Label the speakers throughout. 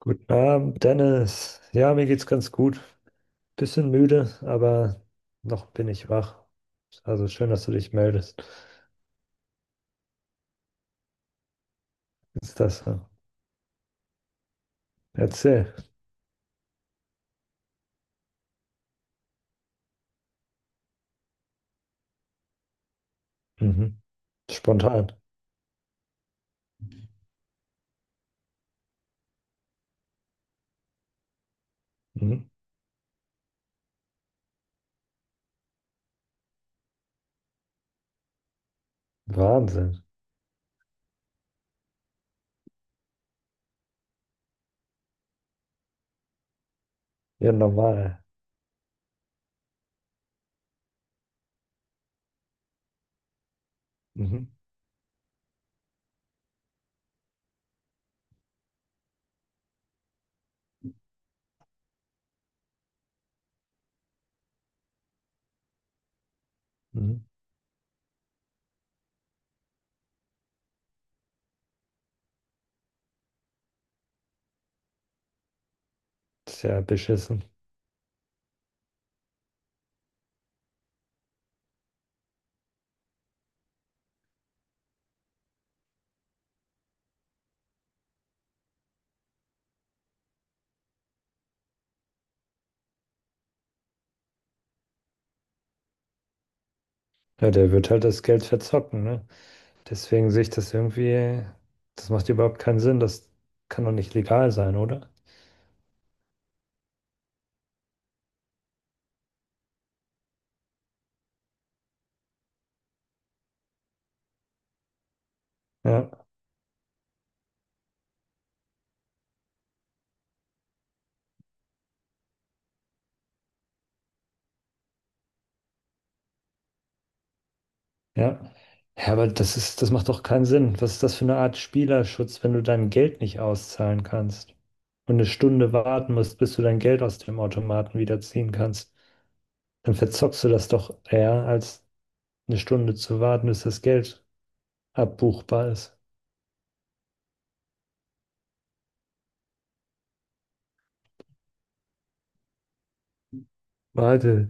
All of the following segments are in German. Speaker 1: Guten Abend, Dennis. Ja, mir geht's ganz gut. Bisschen müde, aber noch bin ich wach. Also schön, dass du dich meldest. Ist das so? Erzähl. Mhm. Spontan. Mhm. Wahnsinn. Ja, normal. Mhm. Mhm. Ist ja beschissen. Ja, der wird halt das Geld verzocken, ne? Deswegen sehe ich das irgendwie, das macht überhaupt keinen Sinn. Das kann doch nicht legal sein, oder? Ja. Ja. Ja, aber das macht doch keinen Sinn. Was ist das für eine Art Spielerschutz, wenn du dein Geld nicht auszahlen kannst und eine Stunde warten musst, bis du dein Geld aus dem Automaten wieder ziehen kannst? Dann verzockst du das doch eher, als eine Stunde zu warten, bis das Geld abbuchbar ist. Warte.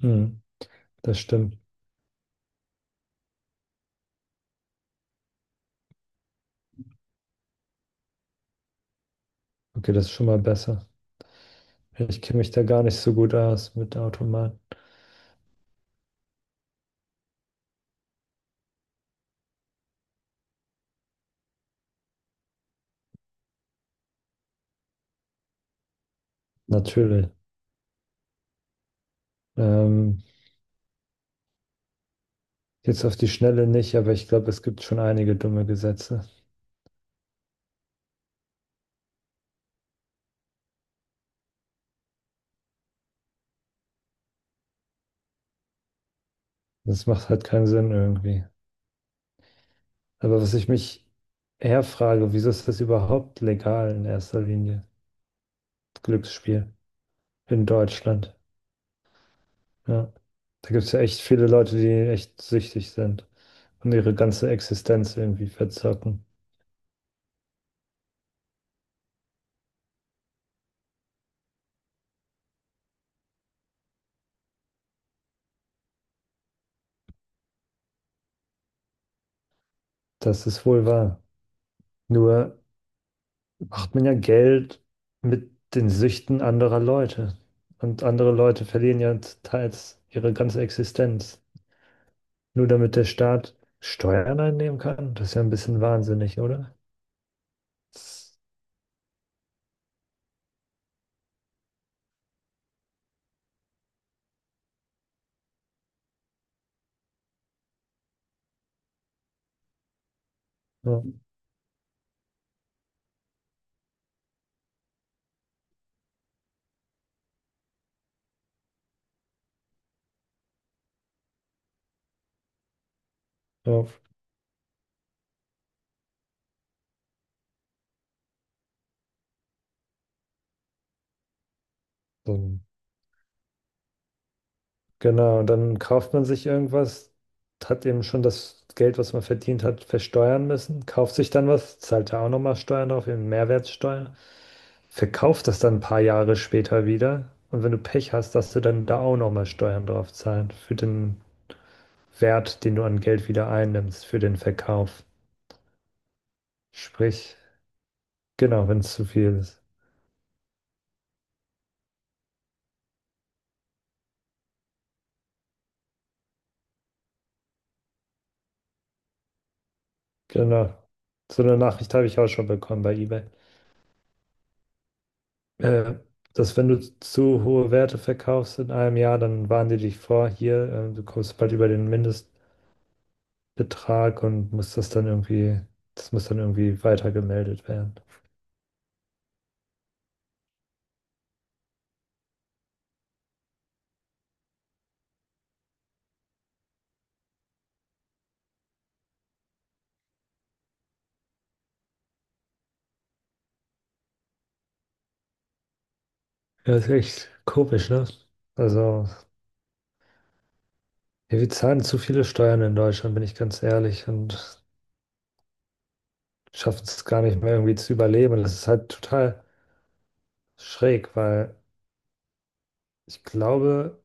Speaker 1: Hm, das stimmt. Okay, das ist schon mal besser. Ja, ich kenne mich da gar nicht so gut aus mit Automaten. Natürlich. Ähm, jetzt auf die Schnelle nicht, aber ich glaube, es gibt schon einige dumme Gesetze. Das macht halt keinen Sinn irgendwie. Aber was ich mich eher frage, wieso ist das überhaupt legal in erster Linie? Glücksspiel in Deutschland. Ja. Da gibt es ja echt viele Leute, die echt süchtig sind und ihre ganze Existenz irgendwie verzocken. Das ist wohl wahr. Nur macht man ja Geld mit den Süchten anderer Leute. Und andere Leute verlieren ja teils ihre ganze Existenz. Nur damit der Staat Steuern einnehmen kann. Das ist ja ein bisschen wahnsinnig, oder? Ja, ja. So, genau, und dann kauft man sich irgendwas, hat eben schon das Geld, was man verdient hat, versteuern müssen, kauft sich dann was, zahlt da auch nochmal Steuern drauf, eben Mehrwertsteuer, verkauft das dann ein paar Jahre später wieder und wenn du Pech hast, darfst du dann da auch nochmal Steuern drauf zahlen für den Wert, den du an Geld wieder einnimmst, für den Verkauf. Sprich, genau, wenn es zu viel ist. Genau. So eine Nachricht habe ich auch schon bekommen bei eBay. äh, Dass wenn du zu hohe Werte verkaufst in einem Jahr, dann warnen die dich vor, hier, du kommst bald über den Mindestbetrag und musst das dann irgendwie, das muss dann irgendwie weitergemeldet werden. Ja, ist echt komisch, ne? Also, ja, wir zahlen zu viele Steuern in Deutschland, bin ich ganz ehrlich, und schaffen es gar nicht mehr irgendwie zu überleben. Und das ist halt total schräg, weil ich glaube,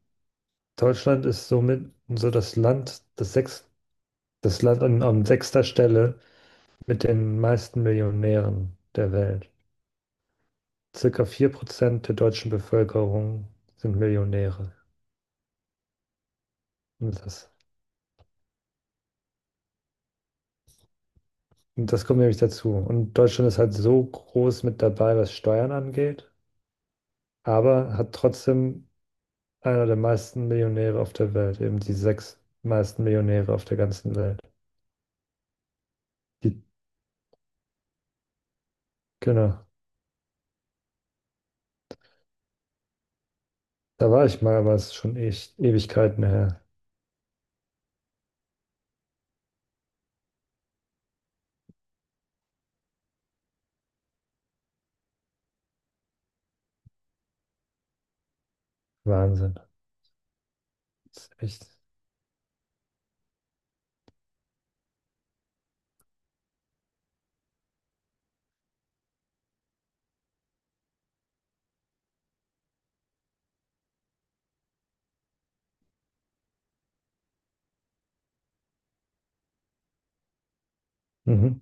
Speaker 1: Deutschland ist somit so das Land an sechster Stelle mit den meisten Millionären der Welt. Circa 4% der deutschen Bevölkerung sind Millionäre. Und das, und das kommt nämlich dazu. Und Deutschland ist halt so groß mit dabei, was Steuern angeht, aber hat trotzdem einer der meisten Millionäre auf der Welt, eben die sechs meisten Millionäre auf der ganzen Welt. Die, genau. Da war ich mal, aber es ist schon echt Ewigkeiten her. Wahnsinn. Das ist echt. Mhm,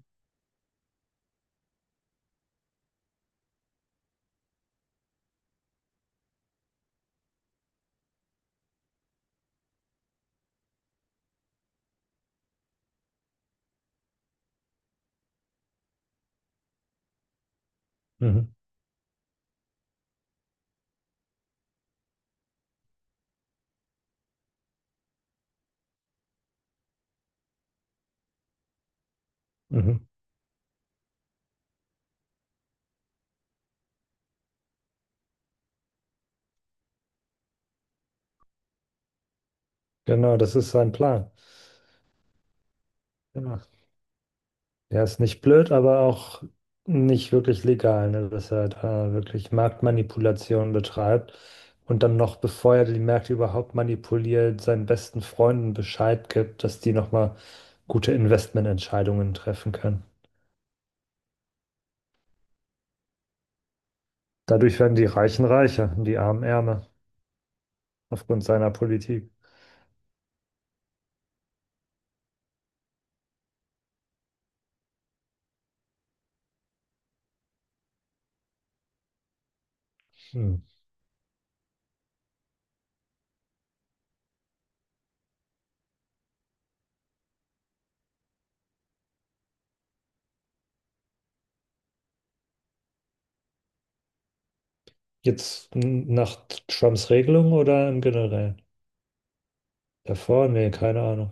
Speaker 1: mhm, mhm. Genau, das ist sein Plan. Genau. Der ist nicht blöd, aber auch nicht wirklich legal, ne? Dass er da wirklich Marktmanipulation betreibt und dann noch, bevor er die Märkte überhaupt manipuliert, seinen besten Freunden Bescheid gibt, dass die nochmal gute Investmententscheidungen treffen können. Dadurch werden die Reichen reicher und die Armen ärmer aufgrund seiner Politik. Hm. Jetzt nach Trumps Regelung oder im Generellen? Davor? Nee, keine Ahnung.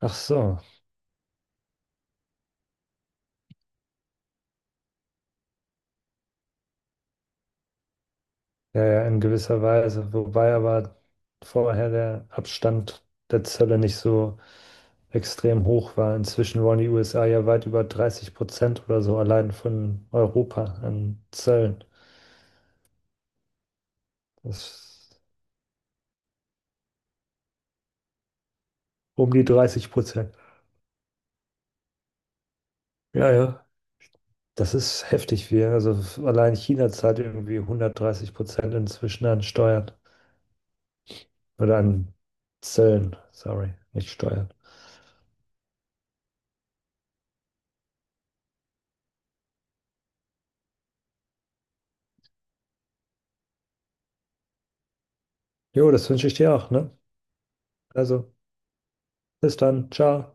Speaker 1: Ach so. Ja, ja, in gewisser Weise. Wobei aber vorher der Abstand der Zölle nicht so extrem hoch war. Inzwischen wollen die USA ja weit über 30% oder so allein von Europa an Zöllen. Das ist um die 30%. Ja, ja. Das ist heftig, wie. Also allein China zahlt irgendwie 130% inzwischen an Steuern. Oder an Zöllen, sorry, nicht Steuern. Jo, das wünsche ich dir auch, ne? Also, bis dann. Ciao.